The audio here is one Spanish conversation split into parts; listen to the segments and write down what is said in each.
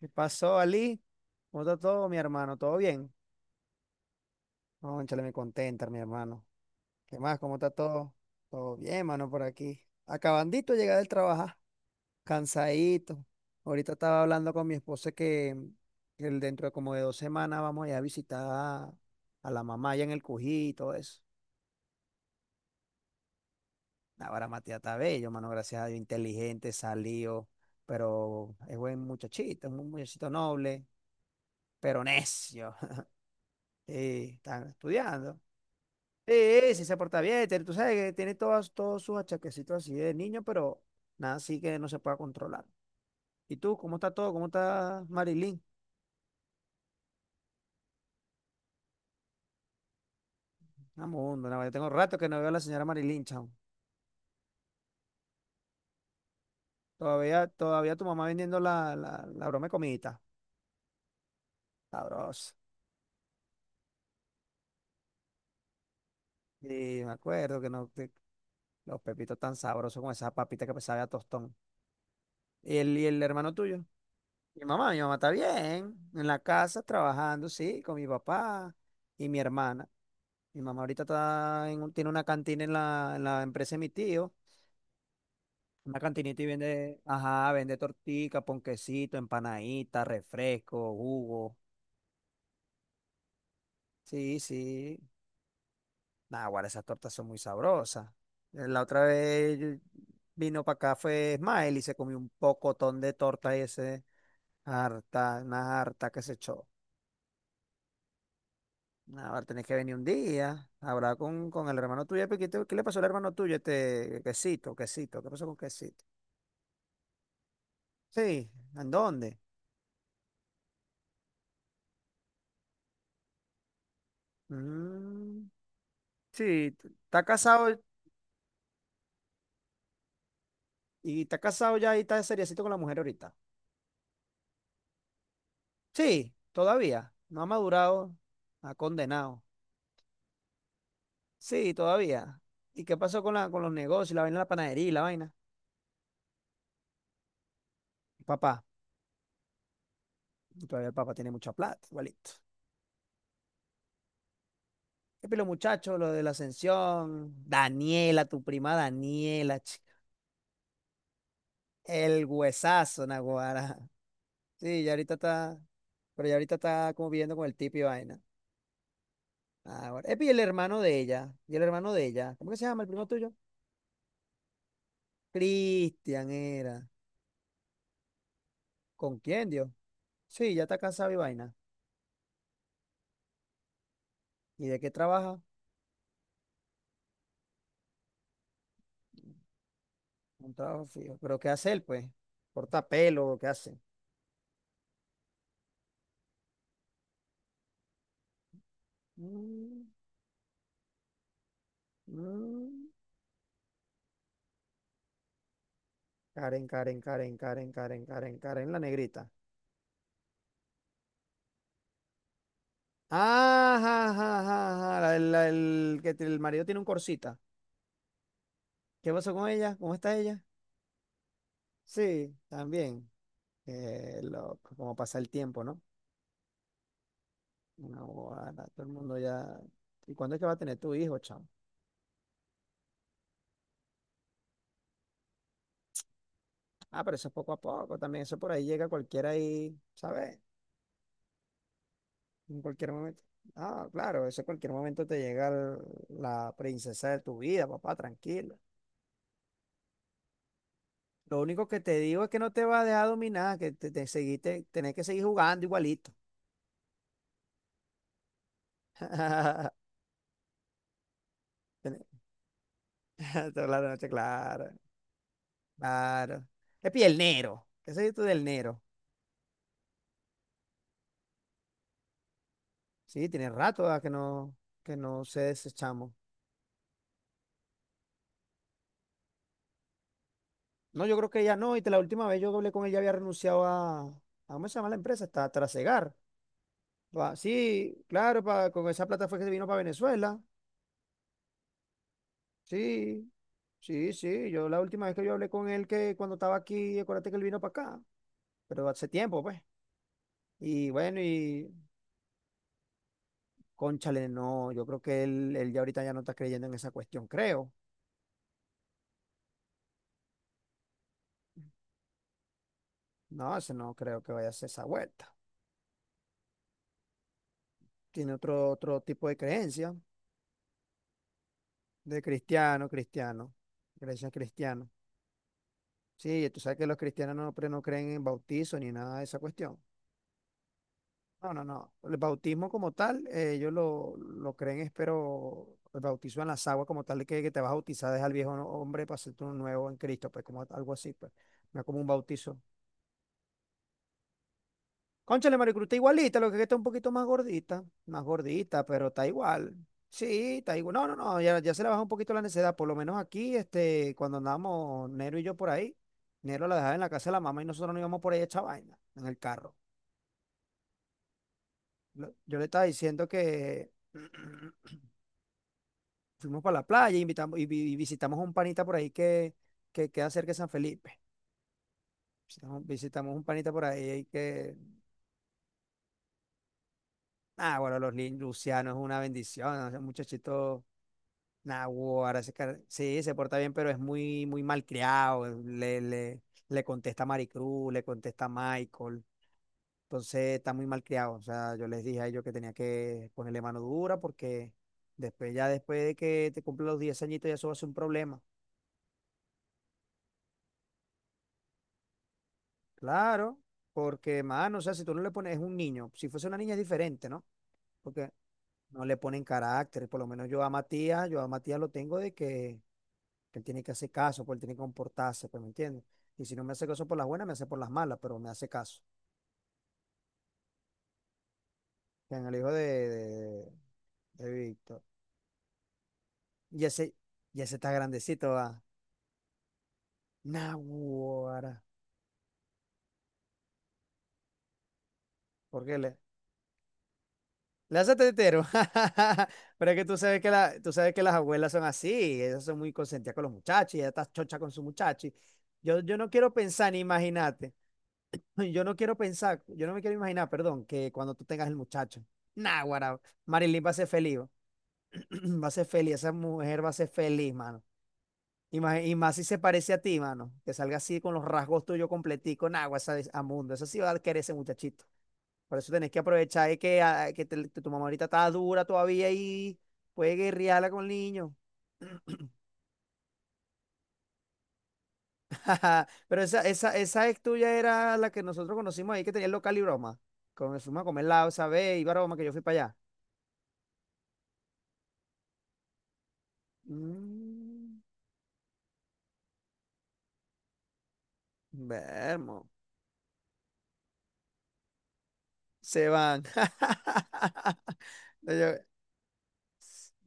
¿Qué pasó, Ali? ¿Cómo está todo, mi hermano? ¿Todo bien? Cónchale, me contenta, mi hermano. ¿Qué más? ¿Cómo está todo? Todo bien, mano, por aquí. Acabandito de llegar del trabajar, cansadito. Ahorita estaba hablando con mi esposa que dentro de como de 2 semanas vamos a ir a visitar a la mamá allá en el Cují y todo eso. Ahora Matías está bello, mano, gracias a Dios, inteligente, salido, pero es buen muchachito, es un muchachito noble, pero necio. Sí, está estudiando. Sí, sí se porta bien, tú sabes que tiene todas todos sus achaquecitos así de niño, pero nada, así que no se pueda controlar. ¿Y tú, cómo está todo? ¿Cómo está Marilyn? Vamos, no, yo tengo rato que no veo a la señora Marilyn, chao. Todavía, todavía tu mamá vendiendo la broma de comidita. Sabroso. Sí, me acuerdo que no, que los pepitos tan sabrosos con esa papita que sabe a tostón. ¿Y el hermano tuyo? Mi mamá está bien, en la casa trabajando, sí, con mi papá y mi hermano. Mi mamá ahorita está en tiene una cantina en la empresa de mi tío. Una cantinita y vende, ajá, vende tortica, ponquecito, empanadita, refresco, jugo. Sí, sí. Nah, guarda, esas tortas son muy sabrosas. La otra vez vino para acá, fue Smile y se comió un pocotón de torta, ese, harta, una harta que se echó. Nah, ahora tenés que venir un día, hablar con el hermano tuyo, porque qué le pasó al hermano tuyo? Este quesito, quesito, ¿qué pasó con quesito? Sí, ¿en dónde? Mm, sí, está casado ya y está seriecito con la mujer ahorita. Sí, todavía. No ha madurado, ha condenado. Sí, todavía. ¿Y qué pasó con los negocios, la vaina de la panadería y la vaina? Papá, todavía el papá tiene mucha plata, igualito. Y los muchachos, lo de la ascensión, Daniela, tu prima Daniela, chica, el huesazo, Naguará. Sí, ya ahorita está, pero ya ahorita está como viviendo con el tipo y vaina. Ah, bueno. Epi, el hermano de ella. Y el hermano de ella. ¿Cómo que se llama el primo tuyo? Cristian era. ¿Con quién, Dios? Sí, ya está casado y vaina. ¿Y de qué trabaja? Un trabajo fijo. ¿Pero qué hace él, pues? ¿Corta pelo? ¿Qué hace? Mm, mm. Karen, Karen, Karen, Karen, Karen, Karen, Karen, la negrita. Ajá, ajá, ajá, ajá. El marido tiene un corsita. ¿Qué pasó con ella? ¿Cómo está ella? Sí, también. Qué loco, cómo pasa el tiempo, ¿no? Una guarda, todo el mundo ya. ¿Y cuándo es que va a tener tu hijo, chamo? Ah, pero eso es poco a poco también. Eso por ahí llega cualquiera ahí, ¿sabes? En cualquier momento. Ah, claro, eso en cualquier momento te llega la princesa de tu vida, papá, tranquilo. Lo único que te digo es que no te va a dejar dominar, que te seguiste, tenés que seguir jugando igualito. Tenés- Toda la noche, claro, claro. Es piel negro. ¿Qué es tú del negro? Sí, tiene rato, ¿verdad? Que no sé ese chamo. No, yo creo que ya no. Y la última vez yo hablé con él, ya había renunciado a, ¿cómo se llama la empresa? Está Trasegar. Va, sí, claro, con esa plata fue que se vino para Venezuela. Sí, sí, sí. Yo la última vez que yo hablé con él, que cuando estaba aquí, acuérdate que él vino para acá, pero hace tiempo, pues. Y bueno, y cónchale, no, yo creo que él ya ahorita ya no está creyendo en esa cuestión, creo. No, ese no creo que vaya a hacer esa vuelta. Tiene otro tipo de creencia, de cristiano, cristiano, creencia cristiana. Sí, tú sabes que los cristianos no creen en bautizo ni nada de esa cuestión. No, no, no. El bautismo como tal, ellos lo creen, espero, el bautizo en las aguas como tal, que te vas a bautizar, deja al viejo hombre para hacerte uno nuevo en Cristo, pues, como algo así, pues. No es como un bautizo. Cónchale, Maricruz está igualita, lo que está un poquito más gordita, pero está igual. Sí, está igual. No, no, no, ya se le baja un poquito la necesidad. Por lo menos aquí, este, cuando andamos Nero y yo por ahí, Nero la dejaba en la casa de la mamá y nosotros nos íbamos por ahí a echar vaina en el carro. Yo le estaba diciendo que fuimos para la playa, invitamos y visitamos un panita por ahí que queda cerca de San Felipe. Visitamos un panita por ahí que, ah, bueno, Luciano es una bendición, ese muchachito. Nah, guau, ahora sí, se porta bien, pero es muy, muy malcriado, le, le contesta a Maricruz, le contesta a Michael, entonces está muy mal criado. O sea, yo les dije a ellos que tenía que ponerle mano dura porque después, ya después de que te cumplen los 10 añitos, ya eso va a ser un problema. Claro, porque, mano, o sea, si tú no le pones, es un niño. Si fuese una niña es diferente, ¿no? Porque no le ponen carácter. Por lo menos yo a Matías lo tengo de que él tiene que hacer caso, pues él tiene que comportarse, pues, ¿me entiendes? Y si no me hace caso por las buenas, me hace por las malas, pero me hace caso. En el hijo de, de Víctor. Y ese, y ese está grandecito, va. Naguará. ¿Por qué le? Le hace tetero. Pero es que tú sabes que, tú sabes que las abuelas son así, ellas son muy consentidas con los muchachos, y ella está chocha con su muchacho. Y yo no quiero pensar ni imagínate. Yo no quiero pensar, yo no me quiero imaginar, perdón, que cuando tú tengas el muchacho. Naguará. Marilyn va a ser feliz. Bo. Va a ser feliz, esa mujer va a ser feliz, mano. Y más si se parece a ti, mano. Que salga así con los rasgos tuyos completico, nagua, a mundo. Eso sí va a querer ese muchachito. Por eso tenés que aprovechar, que, a que te- que tu mamá ahorita está dura todavía y puede guerrearla con el niño. Pero esa ex tuya era la que nosotros conocimos ahí, que tenía el local y broma. Con el fuimos a comer la esa vez y broma que yo fui para allá. Mm, vermo. Se van. No,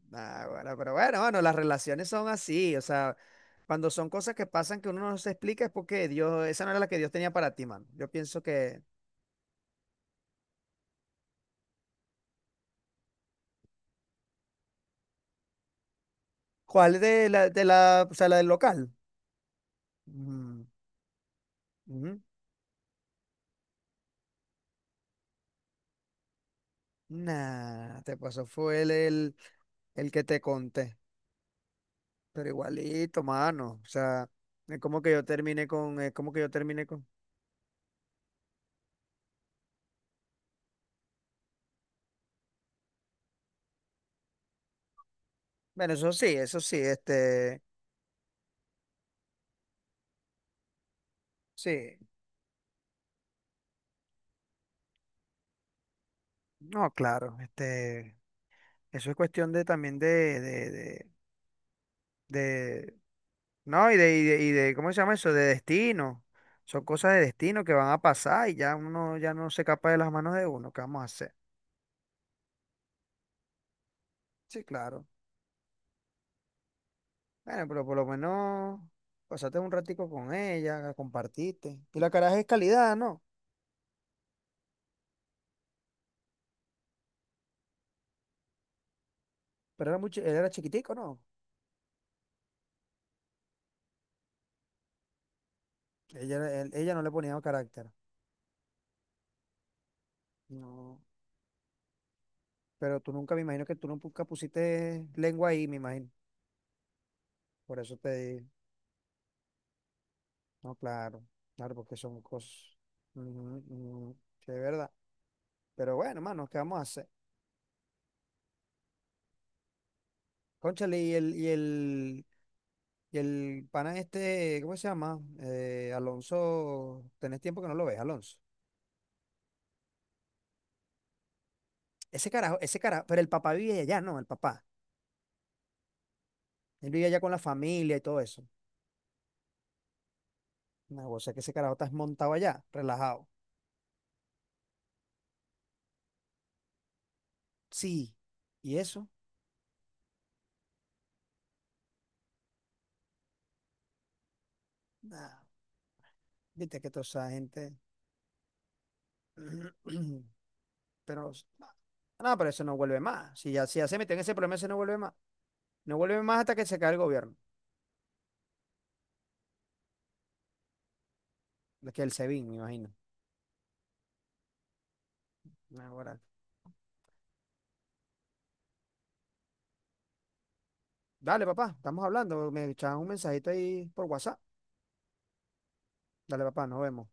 nah, bueno, pero bueno, bueno, las relaciones son así. O sea, cuando son cosas que pasan que uno no se explica es porque Dios, esa no era la que Dios tenía para ti, mano. Yo pienso que. ¿Cuál de la, o sea, la del local? Mm, ujú. Nah, te pasó, fue el, el que te conté. Pero igualito, mano. O sea, es como que yo terminé con, es como que yo terminé con. Bueno, eso sí, este, sí. No, claro, este, eso es cuestión de también de- no, y de, y de, ¿cómo se llama eso? De destino. Son cosas de destino que van a pasar y ya uno ya no se escapa de las manos de uno. ¿Qué vamos a hacer? Sí, claro. Bueno, pero por lo menos pasaste un ratico con ella, compartiste. Y la caraja es calidad, ¿no? Pero era mucho, él era chiquitico, ¿no? Ella no le ponía carácter. No. Pero tú nunca, me imagino que tú nunca pusiste lengua ahí, me imagino. Por eso te. No, claro. Claro, porque son cosas. Ujú, ujú. Sí, es verdad. Pero bueno, mano, ¿qué vamos a hacer? Cónchale, y el pana este, ¿cómo se llama? Alonso, tenés tiempo que no lo ves, Alonso. Ese carajo, pero el papá vive allá, no, el papá. Él vive allá con la familia y todo eso. No, o sea que ese carajo está montado allá, relajado. Sí. ¿Y eso? Nah, viste que toda esa gente. Pero, no, pero eso no vuelve más. Si ya, si ya, se metió en ese problema, eso no vuelve más. No vuelve más hasta que se caiga el gobierno. Es que el SEBIN, me imagino. Nah, ahora dale, papá, estamos hablando. Me echaban un mensajito ahí por WhatsApp. Dale, papá, nos vemos.